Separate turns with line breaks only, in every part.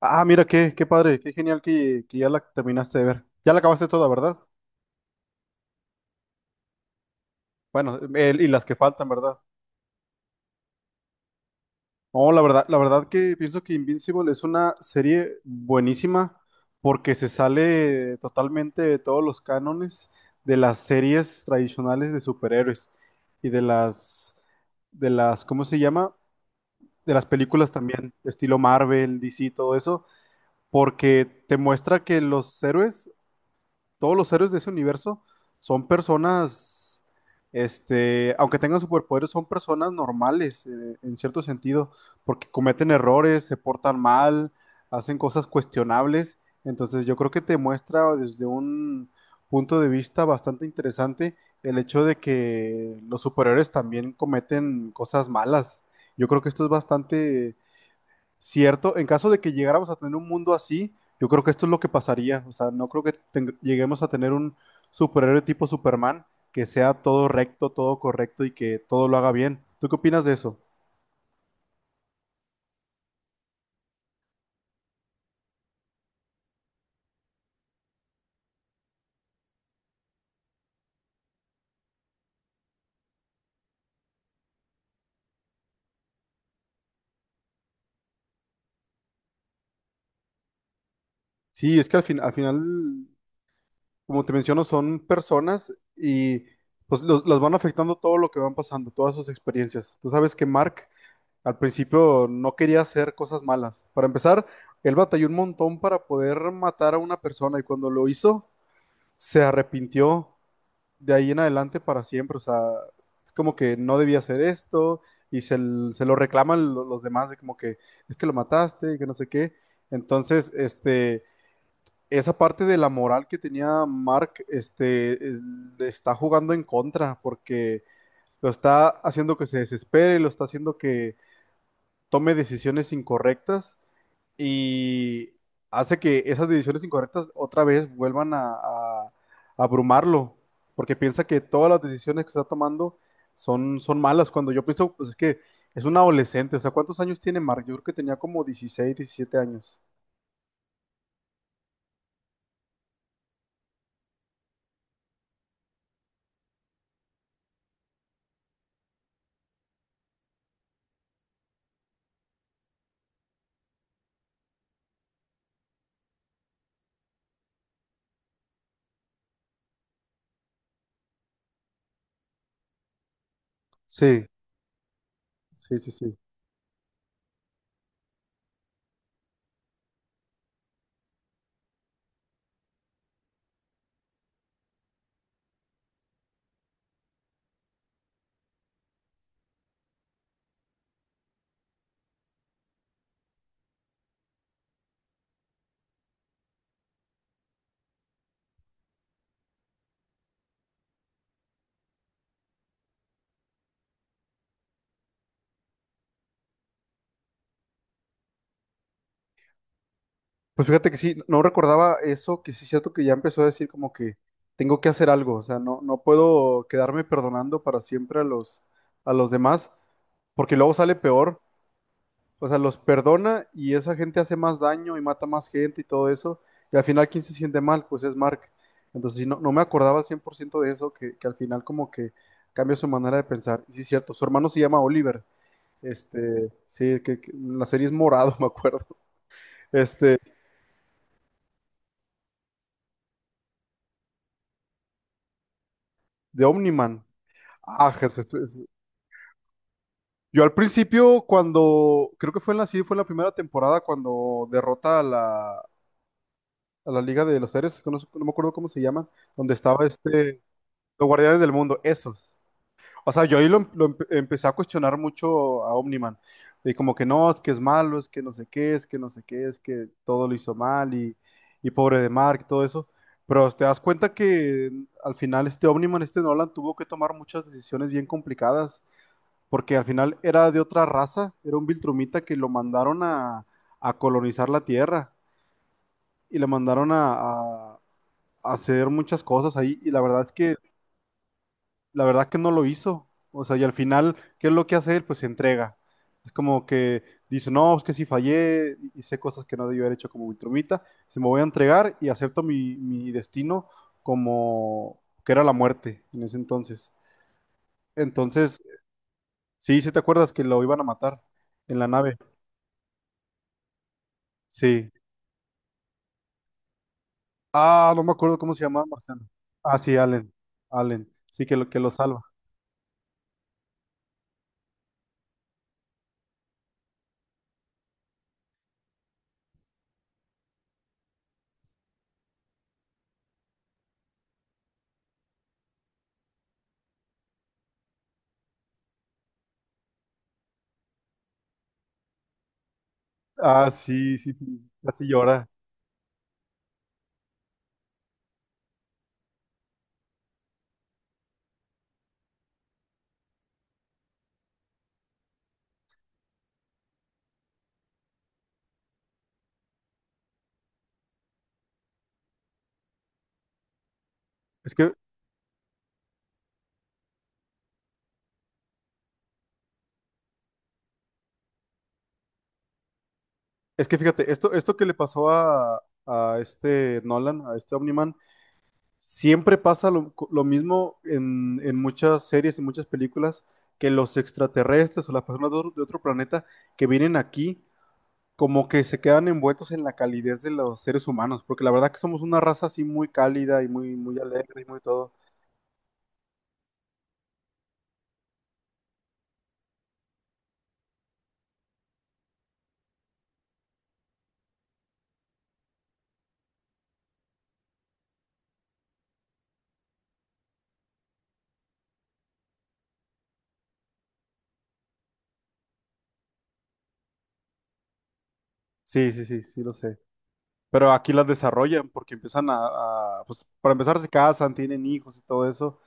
Ah, mira, qué padre, qué genial que ya la terminaste de ver. Ya la acabaste toda, ¿verdad? Bueno, y las que faltan, ¿verdad? No, la verdad que pienso que Invincible es una serie buenísima porque se sale totalmente de todos los cánones de las series tradicionales de superhéroes y ¿cómo se llama? De las películas también, estilo Marvel, DC, todo eso, porque te muestra que los héroes todos los héroes de ese universo son personas, este, aunque tengan superpoderes, son personas normales, en cierto sentido, porque cometen errores, se portan mal, hacen cosas cuestionables. Entonces yo creo que te muestra desde un punto de vista bastante interesante el hecho de que los superhéroes también cometen cosas malas. Yo creo que esto es bastante cierto. En caso de que llegáramos a tener un mundo así, yo creo que esto es lo que pasaría. O sea, no creo que lleguemos a tener un superhéroe tipo Superman que sea todo recto, todo correcto y que todo lo haga bien. ¿Tú qué opinas de eso? Sí, es que al final, como te menciono, son personas y pues las van afectando todo lo que van pasando, todas sus experiencias. Tú sabes que Mark al principio no quería hacer cosas malas. Para empezar, él batalló un montón para poder matar a una persona y cuando lo hizo se arrepintió de ahí en adelante para siempre. O sea, es como que no debía hacer esto y se lo reclaman los demás de como que es que lo mataste y que no sé qué. Entonces, este, esa parte de la moral que tenía Mark, le está jugando en contra porque lo está haciendo que se desespere, lo está haciendo que tome decisiones incorrectas y hace que esas decisiones incorrectas otra vez vuelvan a, a abrumarlo, porque piensa que todas las decisiones que está tomando son malas, cuando yo pienso, pues es que es un adolescente. O sea, ¿cuántos años tiene Mark? Yo creo que tenía como 16 17 años. Sí, sí, sí, sí. Pues fíjate que sí, no recordaba eso, que sí es cierto que ya empezó a decir como que tengo que hacer algo. O sea, no puedo quedarme perdonando para siempre a a los demás, porque luego sale peor. O sea, los perdona y esa gente hace más daño y mata más gente y todo eso. Y al final, ¿quién se siente mal? Pues es Mark. Entonces, sí, no me acordaba al 100% de eso, que al final como que cambia su manera de pensar. Y sí, es cierto, su hermano se llama Oliver. Este, sí, que en la serie es morado, me acuerdo. Este, de Omniman. Ah, Jesús, yo al principio, creo que fue en sí, fue en la primera temporada cuando derrota a a la Liga de los Héroes, que no me acuerdo cómo se llama, donde estaba este, Los Guardianes del Mundo, esos. O sea, yo ahí lo empecé a cuestionar mucho a Omniman. Y como que no, es que es malo, es que no sé qué, es que no sé qué, es que todo lo hizo mal y pobre de Mark, todo eso. Pero te das cuenta que al final este Omniman, este Nolan, tuvo que tomar muchas decisiones bien complicadas porque al final era de otra raza, era un Viltrumita que lo mandaron a colonizar la Tierra y le mandaron a, a- a hacer muchas cosas ahí. Y la verdad que no lo hizo. O sea, y al final, ¿qué es lo que hace él? Pues se entrega. Es como que dice, no, es que si fallé, hice cosas que no debí haber hecho como Viltrumita, se me voy a entregar y acepto mi destino, como que era la muerte en ese entonces. Entonces, sí, sí te acuerdas que lo iban a matar en la nave. Sí. Ah, no me acuerdo cómo se llamaba Marciano. Ah, sí, Allen. Allen. Sí, que lo salva. Ah, sí, sí, sí. Casi llora. Es que Es que fíjate, esto que le pasó a este Nolan, a este Omniman, siempre pasa lo mismo en muchas series, en muchas películas, que los extraterrestres o las personas de otro planeta que vienen aquí, como que se quedan envueltos en la calidez de los seres humanos, porque la verdad que somos una raza así muy cálida y muy alegre y muy todo. Sí, sí, sí, sí lo sé. Pero aquí las desarrollan porque empiezan a, pues para empezar se casan, tienen hijos y todo eso.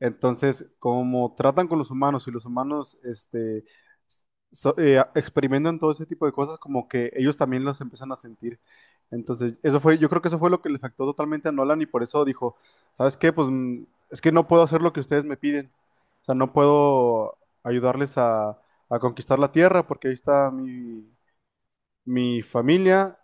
Entonces, como tratan con los humanos y los humanos experimentan todo ese tipo de cosas, como que ellos también los empiezan a sentir. Entonces, eso fue, yo creo que eso fue lo que le afectó totalmente a Nolan y por eso dijo, ¿sabes qué? Pues es que no puedo hacer lo que ustedes me piden. O sea, no puedo ayudarles a conquistar la Tierra porque ahí está mi, mi familia.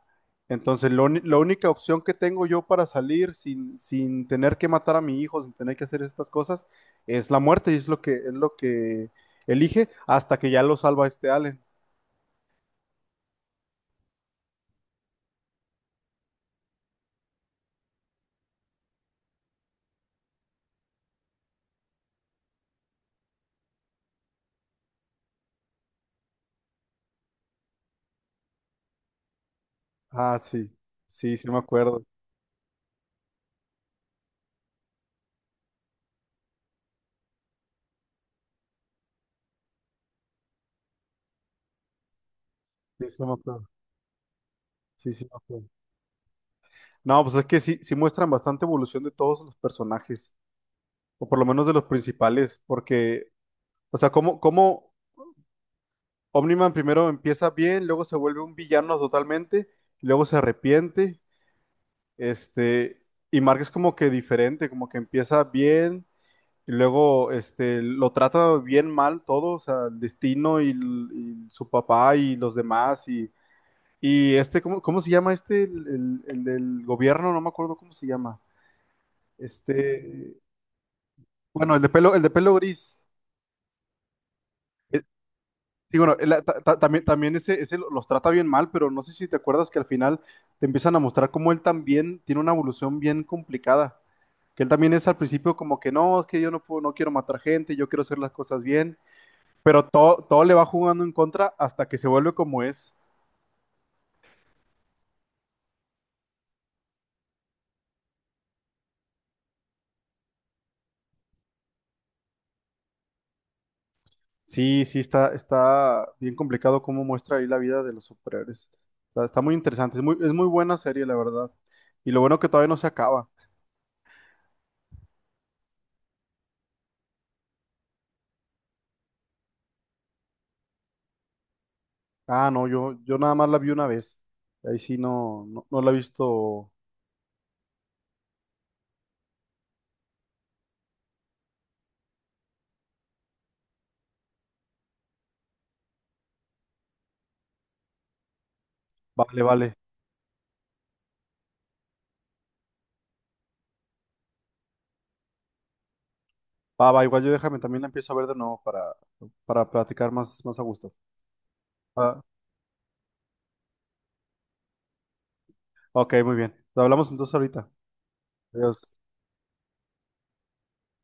Entonces, la única opción que tengo yo para salir sin, sin tener que matar a mi hijo, sin tener que hacer estas cosas, es la muerte, y es lo que elige hasta que ya lo salva este Allen. Ah, sí, sí, sí me acuerdo. Sí, sí me acuerdo. Sí, sí me acuerdo. No, pues es que sí, sí muestran bastante evolución de todos los personajes, o por lo menos de los principales, porque, o sea, como Omniman primero empieza bien, luego se vuelve un villano totalmente, y luego se arrepiente. Este, y Mark es como que diferente, como que empieza bien y luego este, lo trata bien mal todo, o sea, el destino y su papá y los demás. Y este, cómo se llama este? El del gobierno, no me acuerdo cómo se llama. Este, bueno, el de pelo gris. Sí, bueno, también ese, los trata bien mal, pero no sé si te acuerdas que al final te empiezan a mostrar cómo él también tiene una evolución bien complicada. Que él también es al principio como que no, es que yo no puedo, no quiero matar gente, yo quiero hacer las cosas bien, pero todo, todo le va jugando en contra hasta que se vuelve como es. Sí, sí, está bien complicado cómo muestra ahí la vida de los superhéroes. Está muy interesante, es es muy buena serie, la verdad. Y lo bueno que todavía no se acaba. Ah, no, yo nada más la vi una vez. Ahí sí no, no, no la he visto. Vale, vale. Va, va, igual yo déjame, también la empiezo a ver de nuevo para platicar más, más a gusto. Ah, ok, muy bien. Hablamos entonces ahorita. Adiós.